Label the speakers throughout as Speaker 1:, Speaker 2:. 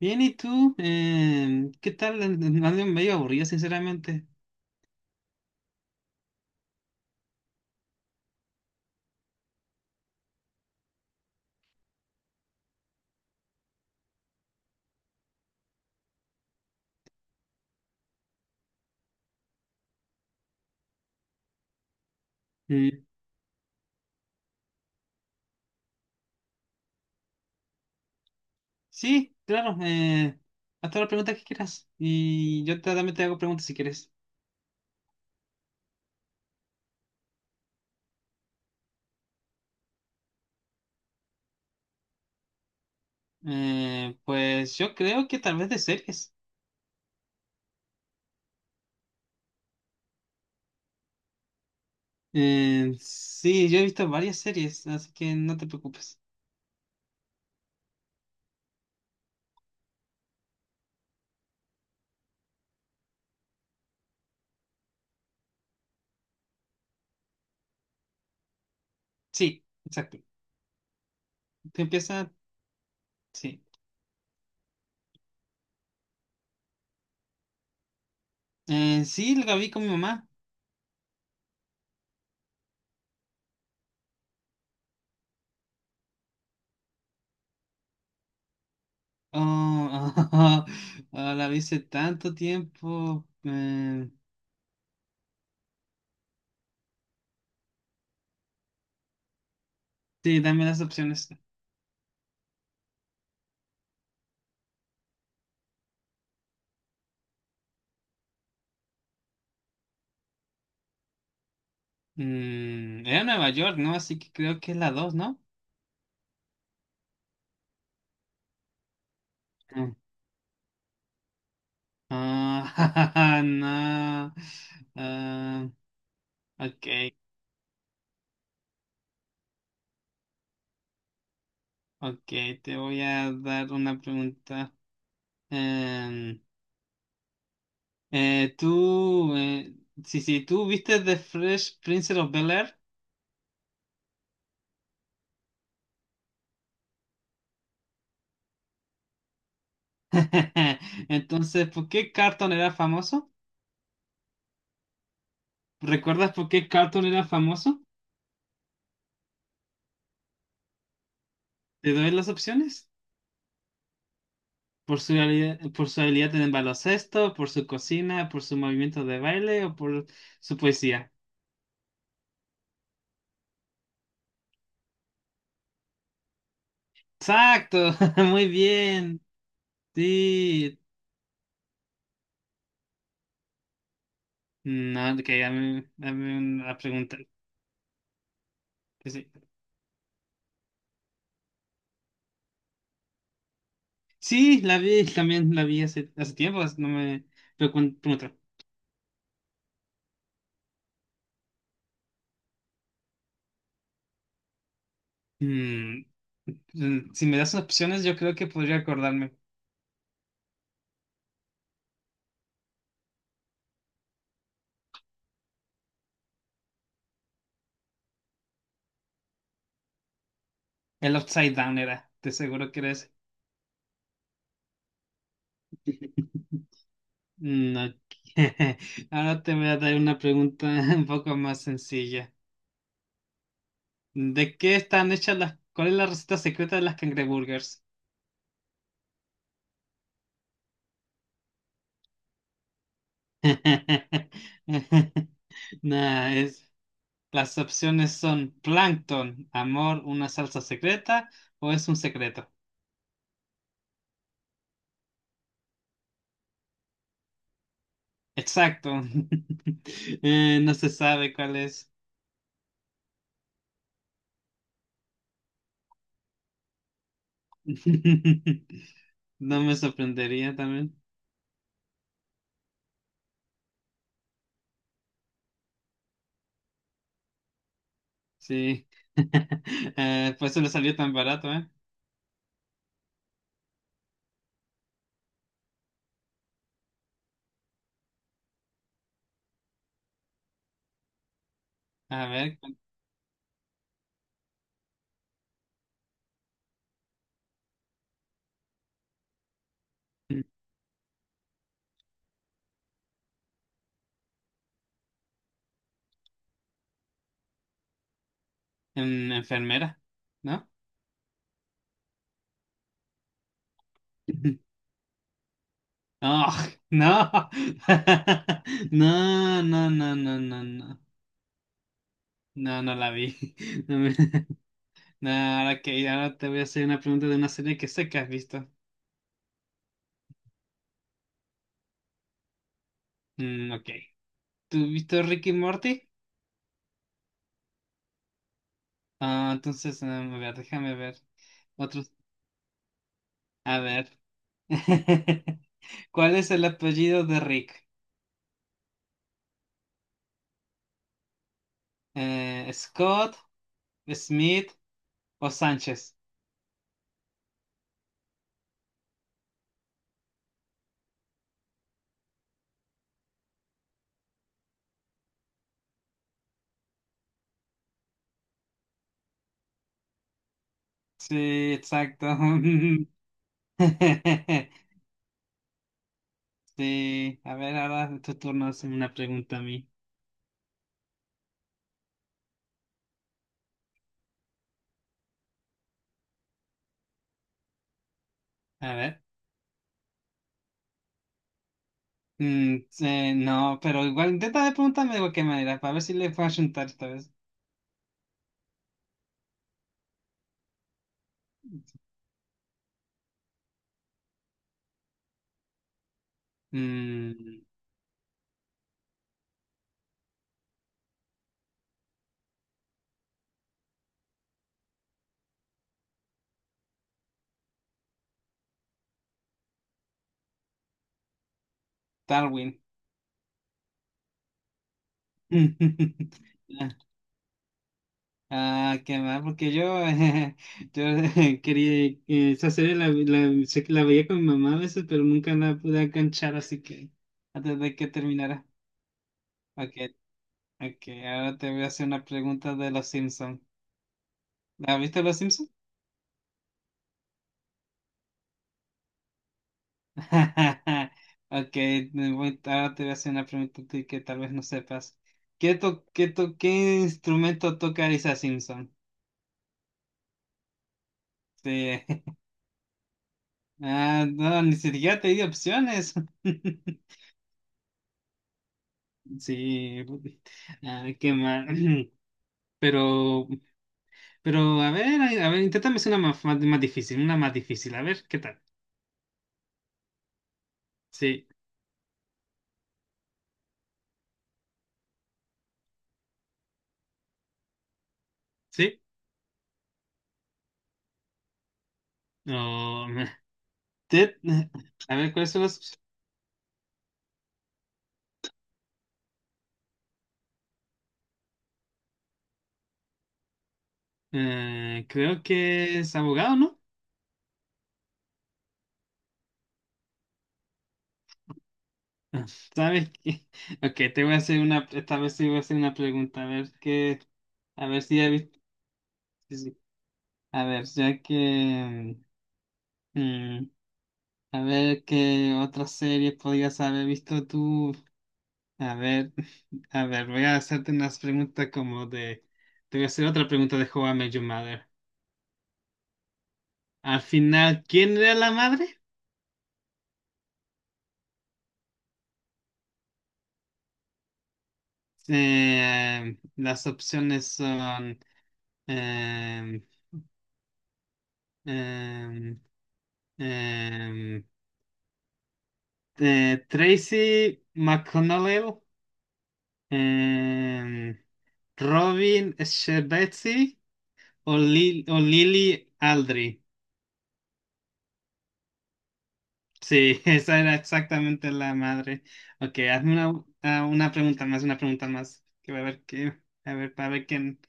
Speaker 1: Bien, ¿y tú? ¿Qué tal? Ando medio aburrido, sinceramente. Mm. Sí, claro. Haz todas las preguntas que quieras. Y yo también te hago preguntas si quieres. Pues yo creo que tal vez de series. Sí, yo he visto varias series, así que no te preocupes. Sí, exacto. Tú empieza, sí. Sí, la vi con mi mamá. Oh, ah, la vi hace tanto tiempo. Sí, dame las opciones. Mm, era Nueva York, ¿no? Así que creo que es la dos, ¿no? Mm. Ah, no. Ah, ok, ok, te voy a dar una pregunta. Em, eh, tú, eh, sí, sí, tú viste The Fresh Prince of Bel-Air. Entonces, ¿por qué Carlton era famoso? ¿Recuerdas por qué Carlton era famoso? ¿Te doy las opciones? Por su habilidad, en el baloncesto, por su cocina, por su movimiento de baile o por su poesía. Exacto, muy bien. Sí. No, ok, dame, dame una pregunta. Que sí. Sí, la vi, también la vi hace, hace tiempo, así no me pregunto. Mm, mm, si me das opciones, yo creo que podría acordarme. El Upside Down era, te seguro que era ese. No, ahora te voy a dar una pregunta un poco más sencilla. ¿De qué están hechas las... ¿Cuál es la receta secreta de las cangreburgers? Nah, es... Las opciones son plancton, amor, una salsa secreta o es un secreto. Exacto. No se sabe cuál es. No me sorprendería también. Sí. Por eso le salió tan barato, ¿eh? A ver, enfermera, ¿no? Ah, no. No, no, no, no, no, no. No, no la vi. No, me- no, ahora te voy a hacer una pregunta de una serie que sé que has visto. Mm, ok. ¿Tú has visto Rick y Morty? Ah, entonces, mm, a ver, déjame ver. Otros. A ver. ¿Cuál es el apellido de Rick? ¿Scott, Smith o Sánchez? Sí, exacto. Sí, a ver, ahora tu turno es una pregunta a mí. A ver. Mm, no, pero igual intenta de preguntarme de cualquier manera, para ver si le puedo juntar esta vez. Mm, Darwin. Ah, qué mal, porque yo, yo quería esa serie sé que la veía con mi mamá a veces, pero nunca la pude enganchar, así que antes de que terminara. Ok, ok, ahora te voy a hacer una pregunta de Los Simpsons. ¿Has visto Los Simpsons? Ok, ahora te voy a hacer una pregunta a ti que tal vez no sepas. Qué instrumento toca Lisa Simpson? Sí. Ah, no, ni siquiera te di opciones. Sí, ah, qué mal. Pero, pero, a ver, inténtame hacer una más, más difícil, una más difícil, a ver, ¿qué tal? Sí, sí. Oh, te- a ver, ¿cuáles son las? Creo que es abogado, ¿no? ¿Sabes qué? Ok, te voy a hacer una, esta vez sí voy a hacer una pregunta, a ver qué, a ver si ya viste, a ver, ya que, mm, a ver qué otra serie podías haber visto tú, a ver, a ver, voy a hacerte unas preguntas como de, te voy a hacer otra pregunta de How I Met Your Mother. Al final, ¿quién era la madre? Las opciones son, em, em, em, Tracy McConnell, em, Robin Scherbatsky o, o Lily Aldridge. Sí, esa era exactamente la madre. Ok, hazme una, ah, una pregunta más, una pregunta más. Que va a ver qué, a ver, para ver quién.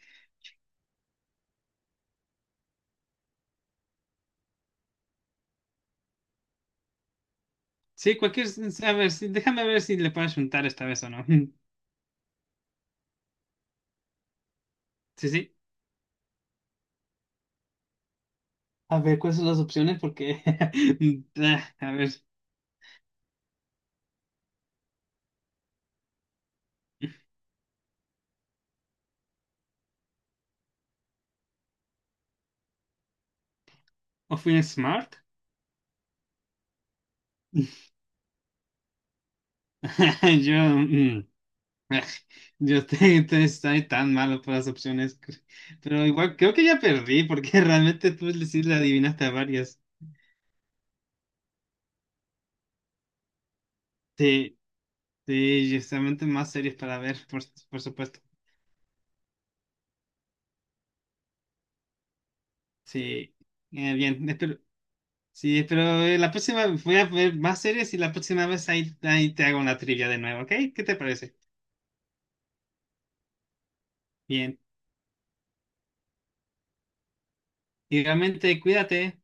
Speaker 1: Sí, cualquier, a ver, sí, déjame ver si le puedes juntar esta vez o no. Sí, sí. A ver, ¿cuáles son las opciones? Porque, ah, a ver, ¿o fui smart? Yo, mm, yo te, entonces estoy tan malo por las opciones, pero igual creo que ya perdí porque realmente tú sí le adivinaste a varias. Sí, sí, justamente más series para ver, por supuesto. Sí, bien, espero, sí, pero la próxima voy a ver más series y la próxima vez ahí, ahí te hago una trivia de nuevo, ¿ok? ¿Qué te parece? Bien, igualmente cuídate.